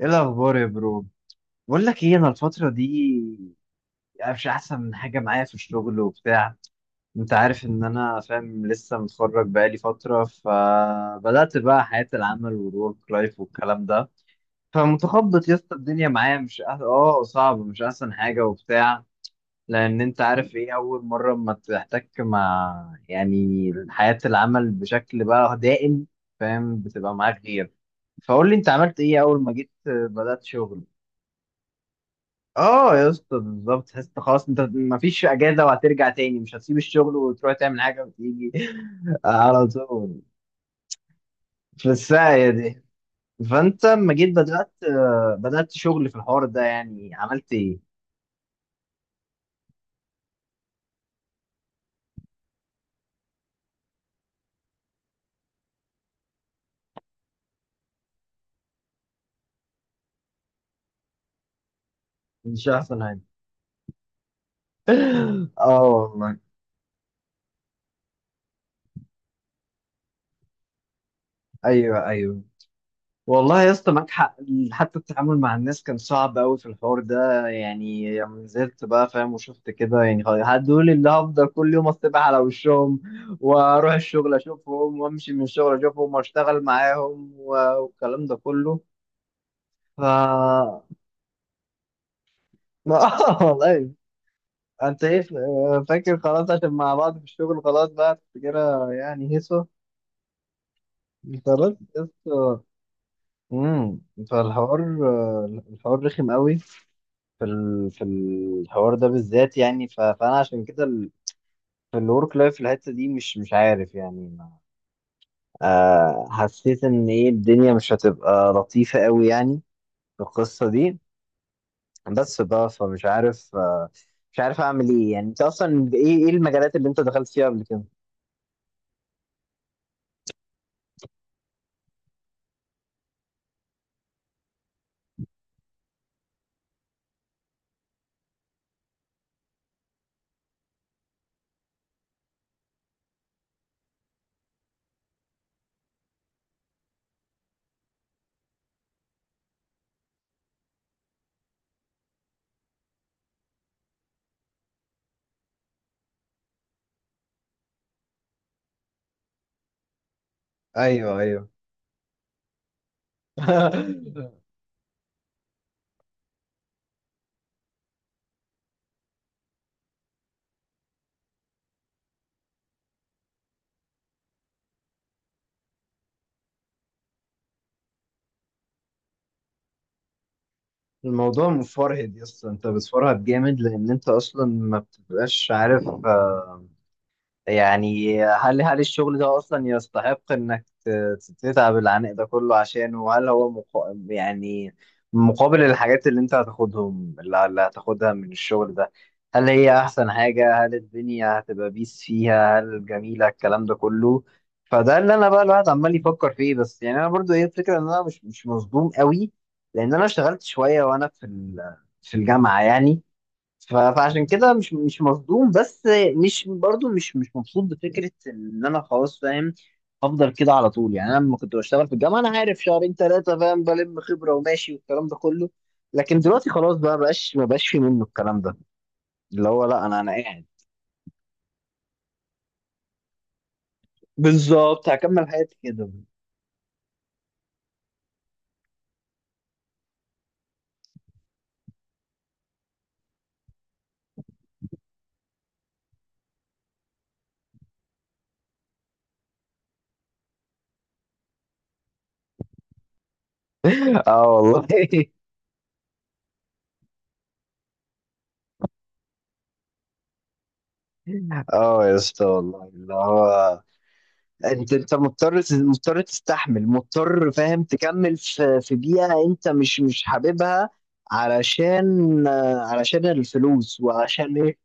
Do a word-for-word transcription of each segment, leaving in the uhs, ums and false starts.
ايه الاخبار يا برو؟ بقول لك ايه، انا الفتره دي يعني مش احسن من حاجه معايا في الشغل وبتاع. انت عارف ان انا فاهم، لسه متخرج بقالي فتره، فبدات بقى حياه العمل والورك لايف والكلام ده. فمتخبط يا اسطى، الدنيا معايا مش أح- اه صعب، مش احسن حاجه وبتاع. لان انت عارف ايه اول مره ما تحتك مع يعني حياه العمل بشكل بقى دائم، فاهم، بتبقى معاك غير. فقول لي انت عملت ايه اول ما جيت بدات شغل. اه يا اسطى، بالظبط، تحس إنت خلاص، انت مفيش اجازه وهترجع تاني، مش هتسيب الشغل وتروح تعمل حاجه وتيجي على طول، في الساعه دي. فانت لما جيت بدات آه، بدات شغل في الحوار ده، يعني عملت ايه؟ مش احسن حاجه. اه والله. ايوه، ايوه، والله يا اسطى معاك حق. حتى التعامل مع الناس كان صعب قوي في الحوار ده يعني، لما نزلت بقى فاهم وشفت كده يعني خلاص، هدول اللي هفضل كل يوم اصطبح على وشهم، واروح الشغل اشوفهم وامشي من الشغل اشوفهم واشتغل معاهم و- والكلام ده كله. ف ما- والله. انت ايه فاكر؟ خلاص عشان مع بعض في الشغل، خلاص بقى تفتكرها يعني هيصه. خلاص يا اسطى. امم فالحوار الحوار رخم قوي في ال... في الحوار ده بالذات، يعني ف... فانا عشان كده ال... في الورك لايف، في الحته دي مش مش عارف يعني ما... آه حسيت ان ايه الدنيا مش هتبقى لطيفه قوي يعني، في القصه دي. بس بقى فمش عارف آه مش عارف اعمل ايه، يعني انت اصلا ايه ايه المجالات اللي انت دخلت فيها قبل كده؟ ايوه، ايوه. الموضوع مفرهد يا اسطى، انت بتفرهد جامد لان انت اصلا ما بتبقاش عارف آه يعني هل هل الشغل ده اصلا يستحق انك ت- تتعب العناء ده كله عشانه، وهل هو مق... يعني مقابل الحاجات اللي انت هتاخدهم اللي اللي هتاخدها من الشغل ده هل هي احسن حاجة؟ هل الدنيا هتبقى بيس فيها؟ هل جميلة الكلام ده كله؟ فده اللي انا بقى الواحد عمال يفكر فيه، بس يعني انا برضو ايه الفكرة، ان انا مش مش مصدوم قوي لان انا اشتغلت شوية وانا في ال... في الجامعة يعني. ف- فعشان كده مش مش مصدوم، بس مش برضو مش مش مبسوط بفكره ان انا خلاص فاهم افضل كده على طول يعني. انا لما كنت بشتغل في الجامعه انا عارف شهرين ثلاثه فاهم بلم خبره وماشي والكلام ده كله. لكن دلوقتي خلاص بقى، بقاش ما بقاش في منه الكلام ده، اللي هو لا انا انا قاعد بالظبط هكمل حياتي كده. اه والله. اه يا اسطى والله، اللي هو انت انت مضطر مضطر تستحمل، مضطر فاهم تكمل في في بيئة انت مش مش حاببها، علشان آه، علشان الفلوس وعشان ايه.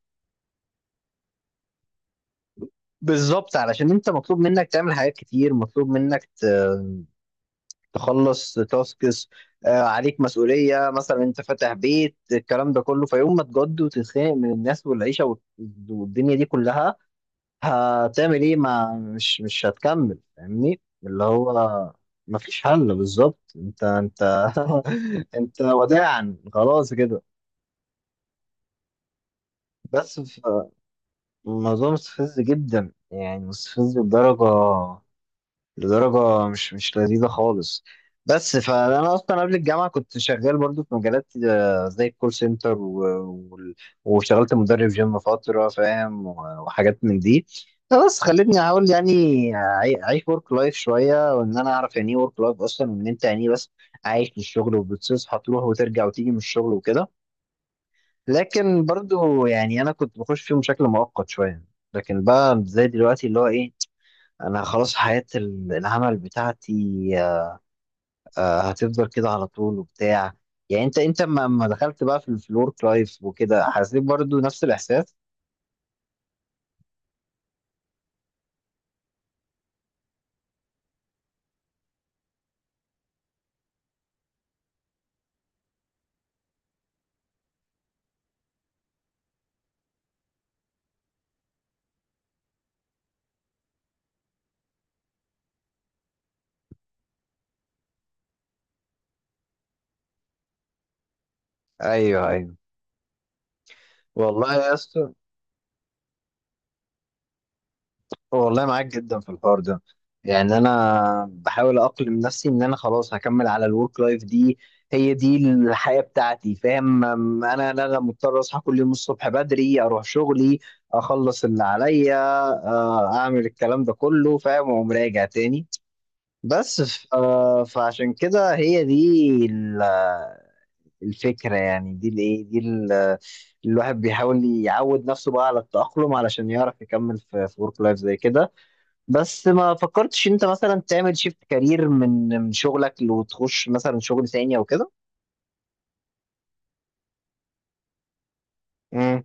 بالظبط، علشان انت مطلوب منك تعمل حاجات كتير، مطلوب منك ت- تخلص تاسكس. آه، عليك مسؤولية، مثلا انت فاتح بيت الكلام ده كله، فيوم ما تجد وتتخانق من الناس والعيشة والت- والدنيا دي كلها، هتعمل ايه؟ ما مش مش هتكمل فاهمني، اللي هو ما فيش حل بالظبط. انت انت انت وداعا خلاص كده. بس ف- الموضوع مستفز جدا يعني، مستفز لدرجة لدرجة مش مش لذيذة خالص. بس فأنا أصلا قبل الجامعة كنت شغال برضو في مجالات آه، زي الكول سنتر و... وال- واشتغلت مدرب جيم فترة فاهم و- وحاجات من دي. فبس خلتني أحاول يعني أعي- أعيش ورك لايف شوية، وإن أنا أعرف يعني إيه ورك لايف أصلا، وإن أنت يعني إيه، بس عايش للشغل وبتصحى تروح وترجع وتيجي من الشغل وكده. لكن برضو يعني أنا كنت بخش فيهم بشكل مؤقت شوية. لكن بقى زي دلوقتي اللي هو إيه، انا خلاص حياة ال- العمل بتاعتي آه، هتفضل كده على طول وبتاع. يعني انت انت لما لما دخلت بقى في ال- في الورك لايف وكده حسيت برضو نفس الاحساس. ايوه ايوه، والله يا اسطى، والله معاك جدا في الحوار ده. يعني انا بحاول اقلم نفسي ان انا خلاص هكمل على الورك لايف دي، هي دي الحياة بتاعتي فاهم. أم- انا لا لا مضطر اصحى كل يوم الصبح بدري اروح شغلي، اخلص اللي عليا آه، اعمل الكلام ده كله فاهم، واقوم راجع تاني. بس ف... آه، فعشان كده هي دي ال- آه، الفكرة يعني، دي الايه دي ال- آه، الواحد بيحاول يعود نفسه بقى على التأقلم علشان يعرف يكمل في في ورك لايف زي كده. بس ما فكرتش انت مثلا تعمل شيفت كارير من من شغلك وتخش مثلا شغل تاني او كده؟ امم.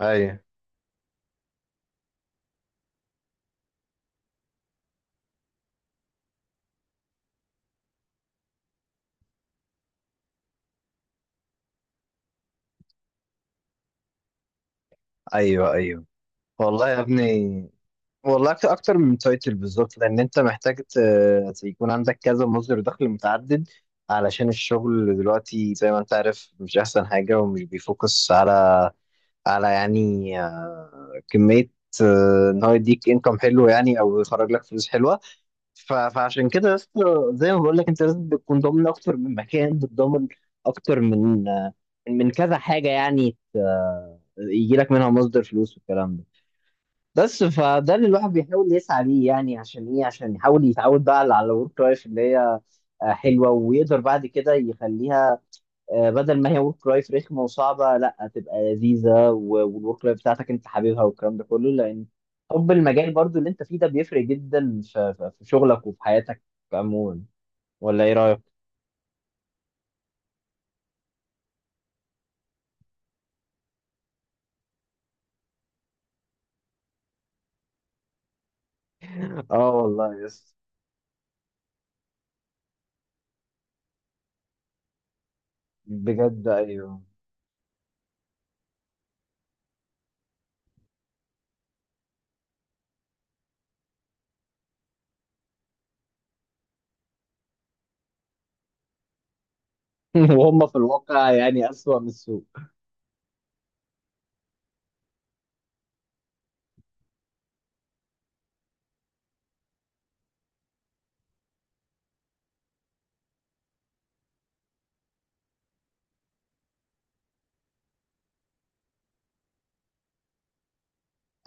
ايوه، ايوه، ايوه، والله يا ابني، والله أكتر أكتر من تايتل بالظبط، لأن أنت محتاج ت- يكون عندك كذا مصدر دخل متعدد علشان الشغل دلوقتي زي ما أنت عارف مش أحسن حاجة، ومش بيفوكس على على يعني آه، كمية آه، إن هو يديك إنكم حلو يعني، أو يخرج لك فلوس حلوة. ف- فعشان كده يا اسطى، زي ما بقول لك، أنت لازم تكون ضامن أكتر من مكان، بتضمن أكتر من آه، من كذا حاجة يعني يجي لك منها مصدر فلوس والكلام ده. بس فده اللي الواحد بيحاول يسعى ليه، يعني عشان ايه؟ عشان يحاول يتعود بقى على الورك لايف اللي هي آه، حلوه، ويقدر بعد كده يخليها آه، بدل ما هي ورك لايف رخمه وصعبه، لا، تبقى لذيذه و- والورك لايف بتاعتك انت حاببها والكلام ده كله، لان حب المجال برضو اللي انت فيه ده بيفرق جدا في في- في شغلك وفي حياتك عموما. ولا ايه رايك؟ اه والله يس. بجد ايوه. وهم في الواقع يعني اسوأ من السوق.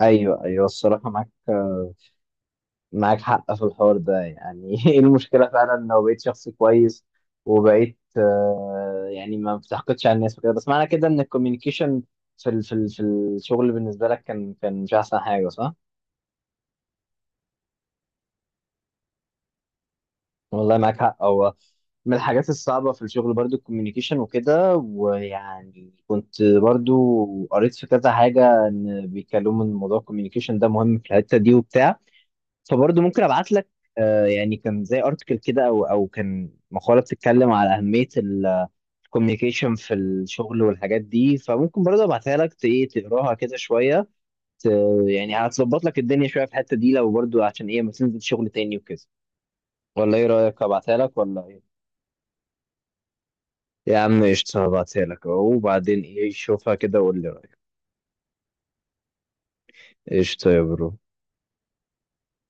ايوه ايوه، الصراحه معاك معاك حق في الحوار ده يعني. ايه المشكلة فعلا لو بقيت شخص كويس، وبقيت آه، يعني ما بتحقدش على الناس وكده؟ بس معنى كده ان الكوميونيكيشن في ال في ال في الشغل بالنسبة لك كان كان مش احسن حاجة، صح؟ والله معاك حق، هو من الحاجات الصعبة في الشغل برضو الكوميونيكيشن وكده. ويعني كنت برضو قريت في كذا حاجة ان بيتكلموا ان موضوع الكوميونيكيشن ده مهم في الحتة دي وبتاع، فبرضه ممكن ابعت لك آه، يعني كان زي ارتكل كده او او كان مقاله بتتكلم على اهميه الكوميونيكيشن في الشغل والحاجات دي، فممكن برضه ابعتها لك ت- ايه تقراها كده شويه، ت- يعني هتظبط لك الدنيا شويه في الحته دي، لو برضه عشان ايه ما تنزل شغل تاني وكده. ولا ايه رايك، ابعتها لك ولا ايه؟ يا عم قشطه، هبعتها لك أهو، وبعدين ايه، شوفها كده وقول لي رايك. قشطه يا برو.